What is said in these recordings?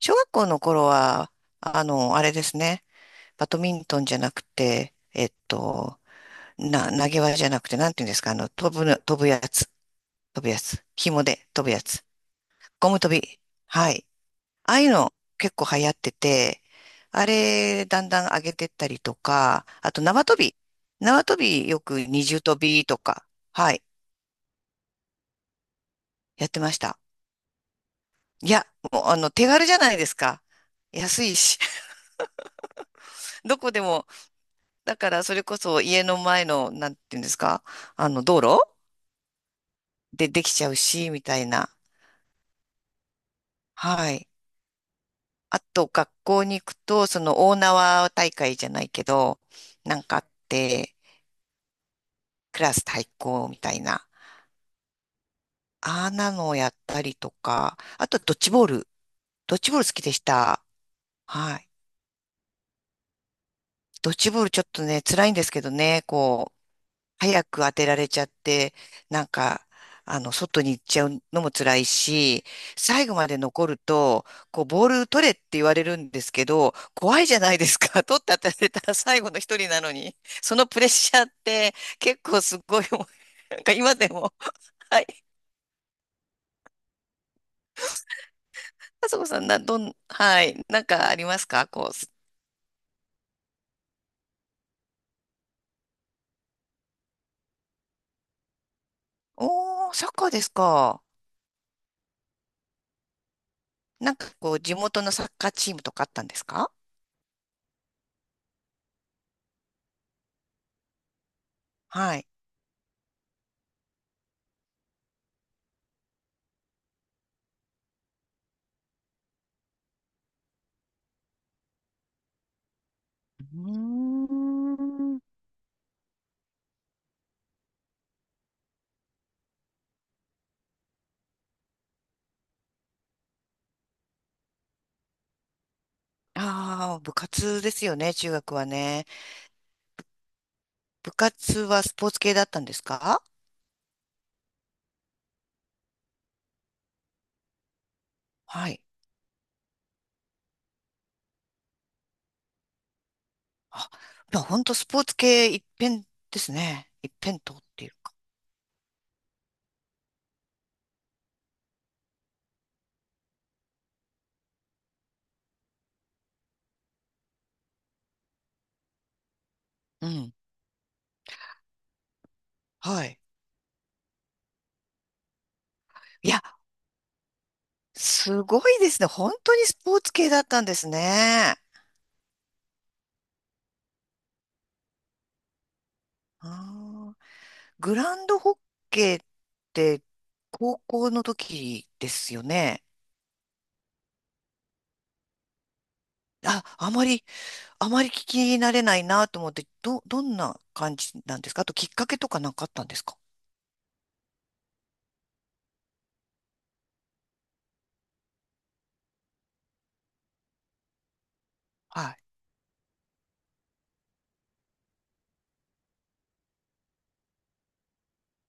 小学校の頃は、あれですね。バドミントンじゃなくて、投げ輪じゃなくて、なんていうんですか、あの、飛ぶの、飛ぶやつ、飛ぶやつ、紐で飛ぶやつ、ゴム飛び。はい。ああいうの結構流行ってて、あれ、だんだん上げてったりとか、あと縄跳び。縄跳びよく二重跳びとか、はい、やってました。いや、もう手軽じゃないですか。安いし、どこでも。だからそれこそ家の前の、なんていうんですか、あの道路でできちゃうし、みたいな。はい。あと学校に行くと、その大縄大会じゃないけど、なんかあって、クラス対抗みたいな。ああなのをやったりとか、あとドッジボール。ドッジボール好きでした。はい。ドッジボールちょっとね、辛いんですけどね、こう。早く当てられちゃって、なんか、外に行っちゃうのも辛いし、最後まで残ると、こう、ボール取れって言われるんですけど、怖いじゃないですか。取って当てられたら最後の一人なのに。そのプレッシャーって、結構すごい、もう今でも。はい。あそこさん、な、どん、はい。なんかありますか、こう。おー、サッカーですか。なんかこう、地元のサッカーチームとかあったんですか？はい。うーん。ああ、部活ですよね、中学はね。部活はスポーツ系だったんですか？はい。あ、まあ、本当スポーツ系一辺ですね。一辺倒っていうか。うん。はい。いや、すごいですね。本当にスポーツ系だったんですね。あー、グランドホッケーって高校の時ですよね。あ、あまり、あまり聞き慣れないなと思って、どんな感じなんですか？あときっかけとかなんかあったんですか？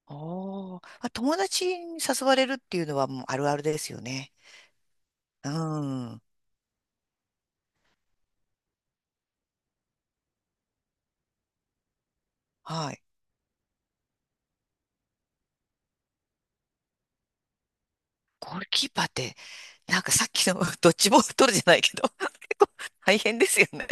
おー、あ、友達に誘われるっていうのはもうあるあるですよね。うん。はい。ゴールキーパーって、なんかさっきの ドッジボール取るじゃないけど、 結構大変ですよね。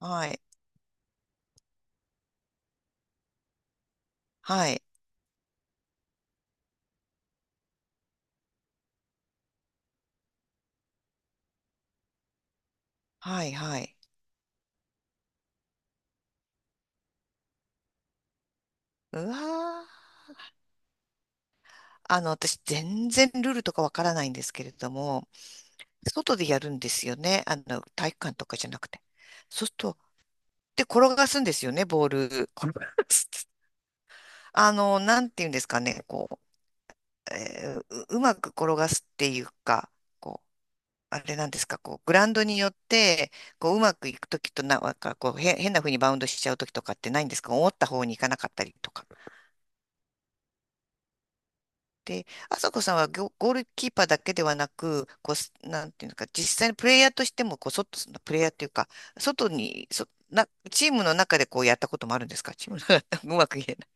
はい。はい。はい。はい。うわー。あの、私、全然ルールとかわからないんですけれども、外でやるんですよね。あの、体育館とかじゃなくて。そうすると、で、転がすんですよね、ボール。転がす。あの、なんていうんですかね、こう。うまく転がすっていうか、こう、あれなんですか、こう、グラウンドによって、こう、うまくいくときと、なんかこう、変な風にバウンドしちゃうときとかってないんですか？思った方に行かなかったりとか。で、あさこさんはゴールキーパーだけではなく、こう、なんていうのか、実際のプレイヤーとしても、こう、プレイヤーっていうか、外に、チームの中でこうやったこともあるんですか？チームの中、うまく言えない。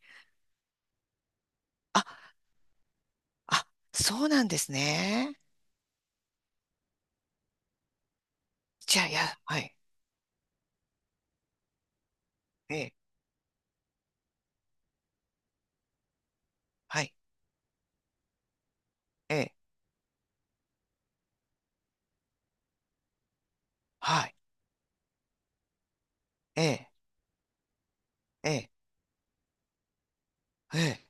あ、あ、そうなんですね。じゃあ、いや、はい、ええ、はい、ええ、はい、ええ。ええ、ええ。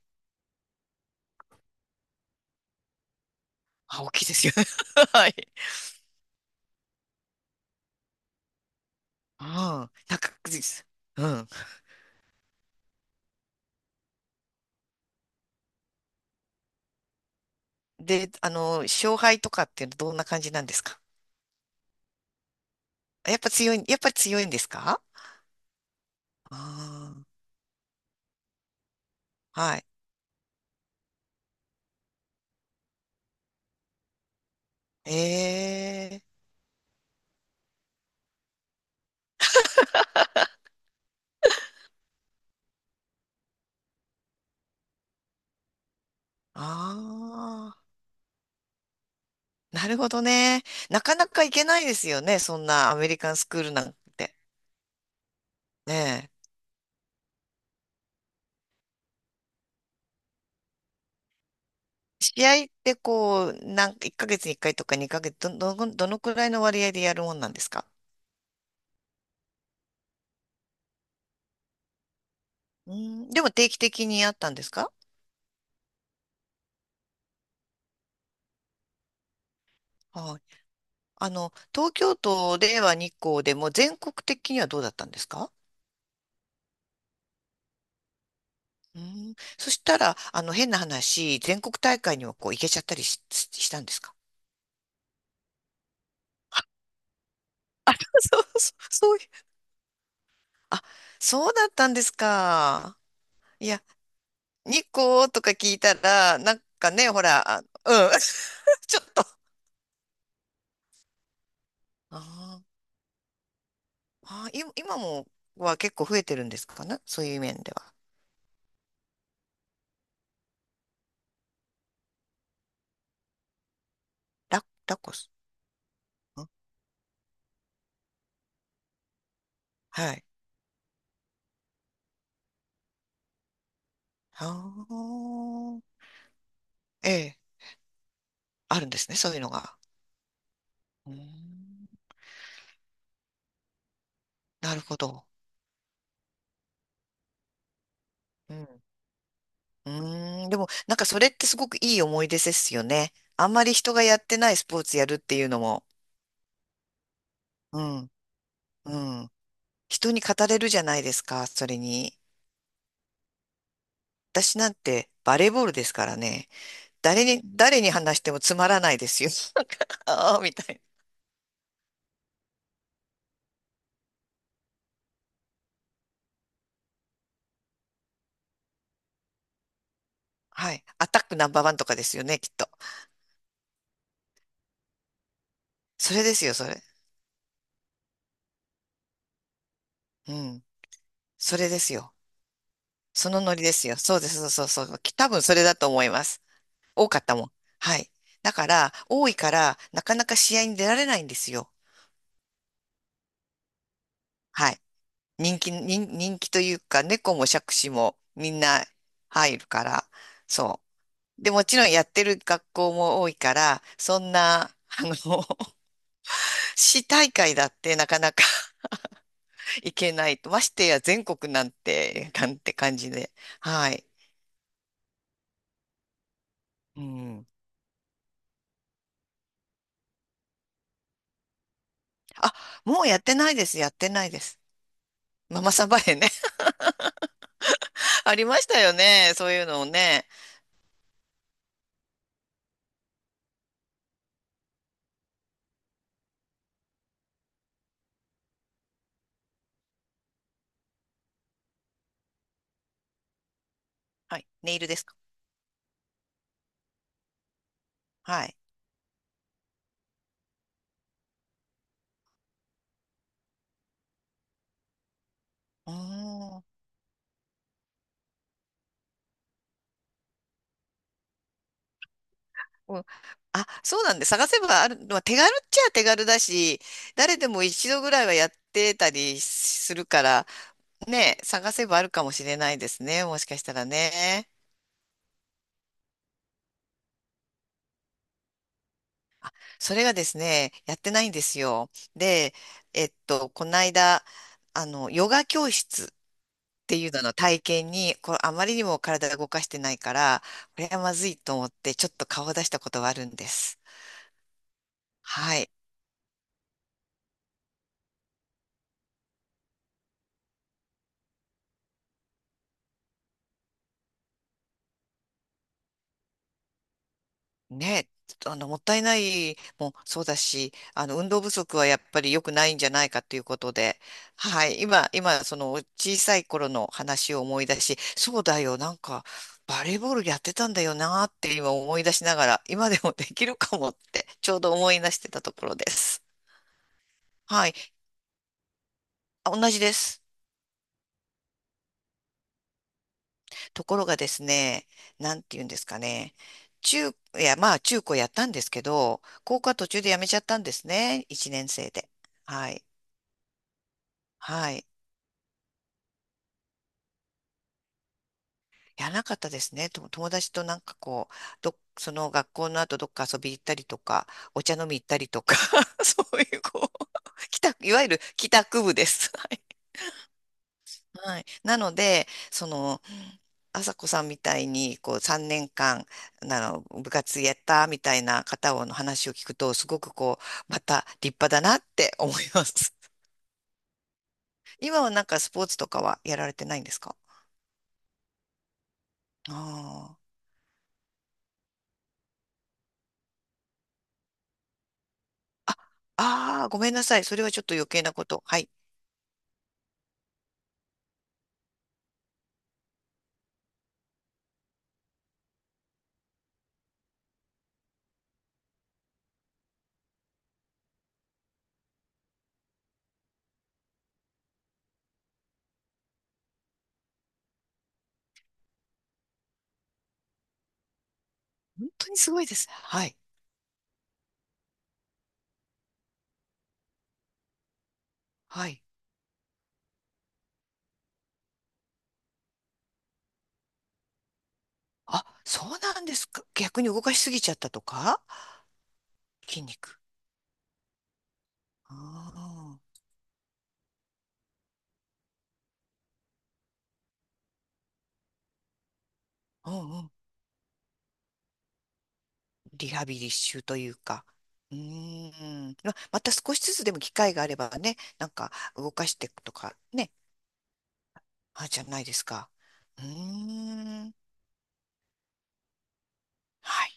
あ、大きいですよ。はい。うん。高くです。うん。で、あの、勝敗とかってどんな感じなんですか？やっぱり強いんですか？ああ、はい。ええ、ああ、なるほどね。なかなか行けないですよね。そんなアメリカンスクールなんて。ねえ。試合ってこう、1ヶ月に1回とか2ヶ月、どのくらいの割合でやるもんなんですか？うん、でも定期的にやったんですか？はい。あの、東京都、令和日校でも全国的にはどうだったんですか？うん。そしたら、あの、変な話、全国大会にもこう行けちゃったりしたんですか？ そう、そう、そういう。あ、そうだったんですか。いや、日光とか聞いたら、なんかね、ほら、あうん、ちょっと。あー。あー、今もは結構増えてるんですかね、そういう面では。ラコス。ん、はい。ああ、ええ、あるんですね、そういうのが。うーん、なるほど。うん。うーん。でも、なんかそれってすごくいい思い出ですよね。あんまり人がやってないスポーツやるっていうのも。うん。うん。人に語れるじゃないですか、それに。私なんてバレーボールですからね。誰に話してもつまらないですよ。なんか、あーみたいな。はい。アタックナンバーワンとかですよね、きっと。それですよ、それ。うん。それですよ。そのノリですよ。そうです、そうそうそう。多分それだと思います。多かったもん。はい。だから、多いから、なかなか試合に出られないんですよ。はい。人気というか、猫も杓子もみんな入るから、そう。で、もちろんやってる学校も多いから、そんな、あの、市大会だってなかなか 行けないと。ましてや全国なんて、なんて感じで。はい。うん。あ、もうやってないです。やってないです。ママさんバレーね。ありましたよね。そういうのをね。はい。ネイルですか？はい。あー、うん。あ、そうなんで、探せばある、まあ、手軽っちゃ手軽だし、誰でも一度ぐらいはやってたりするから、ね、探せばあるかもしれないですね。もしかしたらね。それがですね、やってないんですよ。で、この間、あの、ヨガ教室っていうのの体験に、これあまりにも体が動かしてないから、これはまずいと思って、ちょっと顔を出したことがあるんです。はい。ね、あの、もったいないもそうだし、あの、運動不足はやっぱり良くないんじゃないかということで、はい、今、その小さい頃の話を思い出し、そうだよ、なんか、バレーボールやってたんだよなって今思い出しながら、今でもできるかもって、ちょうど思い出してたところです。はい、あ、同じです。ところがですね、なんて言うんですかね、中、いや、まあ、中高やったんですけど、高校は途中でやめちゃったんですね、1年生で。はい。はい。やらなかったですね。と友達となんかこう、その学校の後どっか遊び行ったりとか、お茶飲み行ったりとか、そういうこう、いわゆる帰宅部です。はい。はい。なので、その、朝子さんみたいにこう3年間あの部活やったみたいな方の話を聞くとすごくこうまた立派だなって思います。今はなんかスポーツとかはやられてないんですか？ああー。あ、ああ、ごめんなさい。それはちょっと余計なこと。はい。本当にすごいですね。はい。はい。あ、そうなんですか。逆に動かしすぎちゃったとか？筋肉。ああ、うんうん。リハビリ中というか。うーん。ま、また少しずつでも機会があればね、なんか動かしていくとかね。あ、じゃないですか。うーん。はい。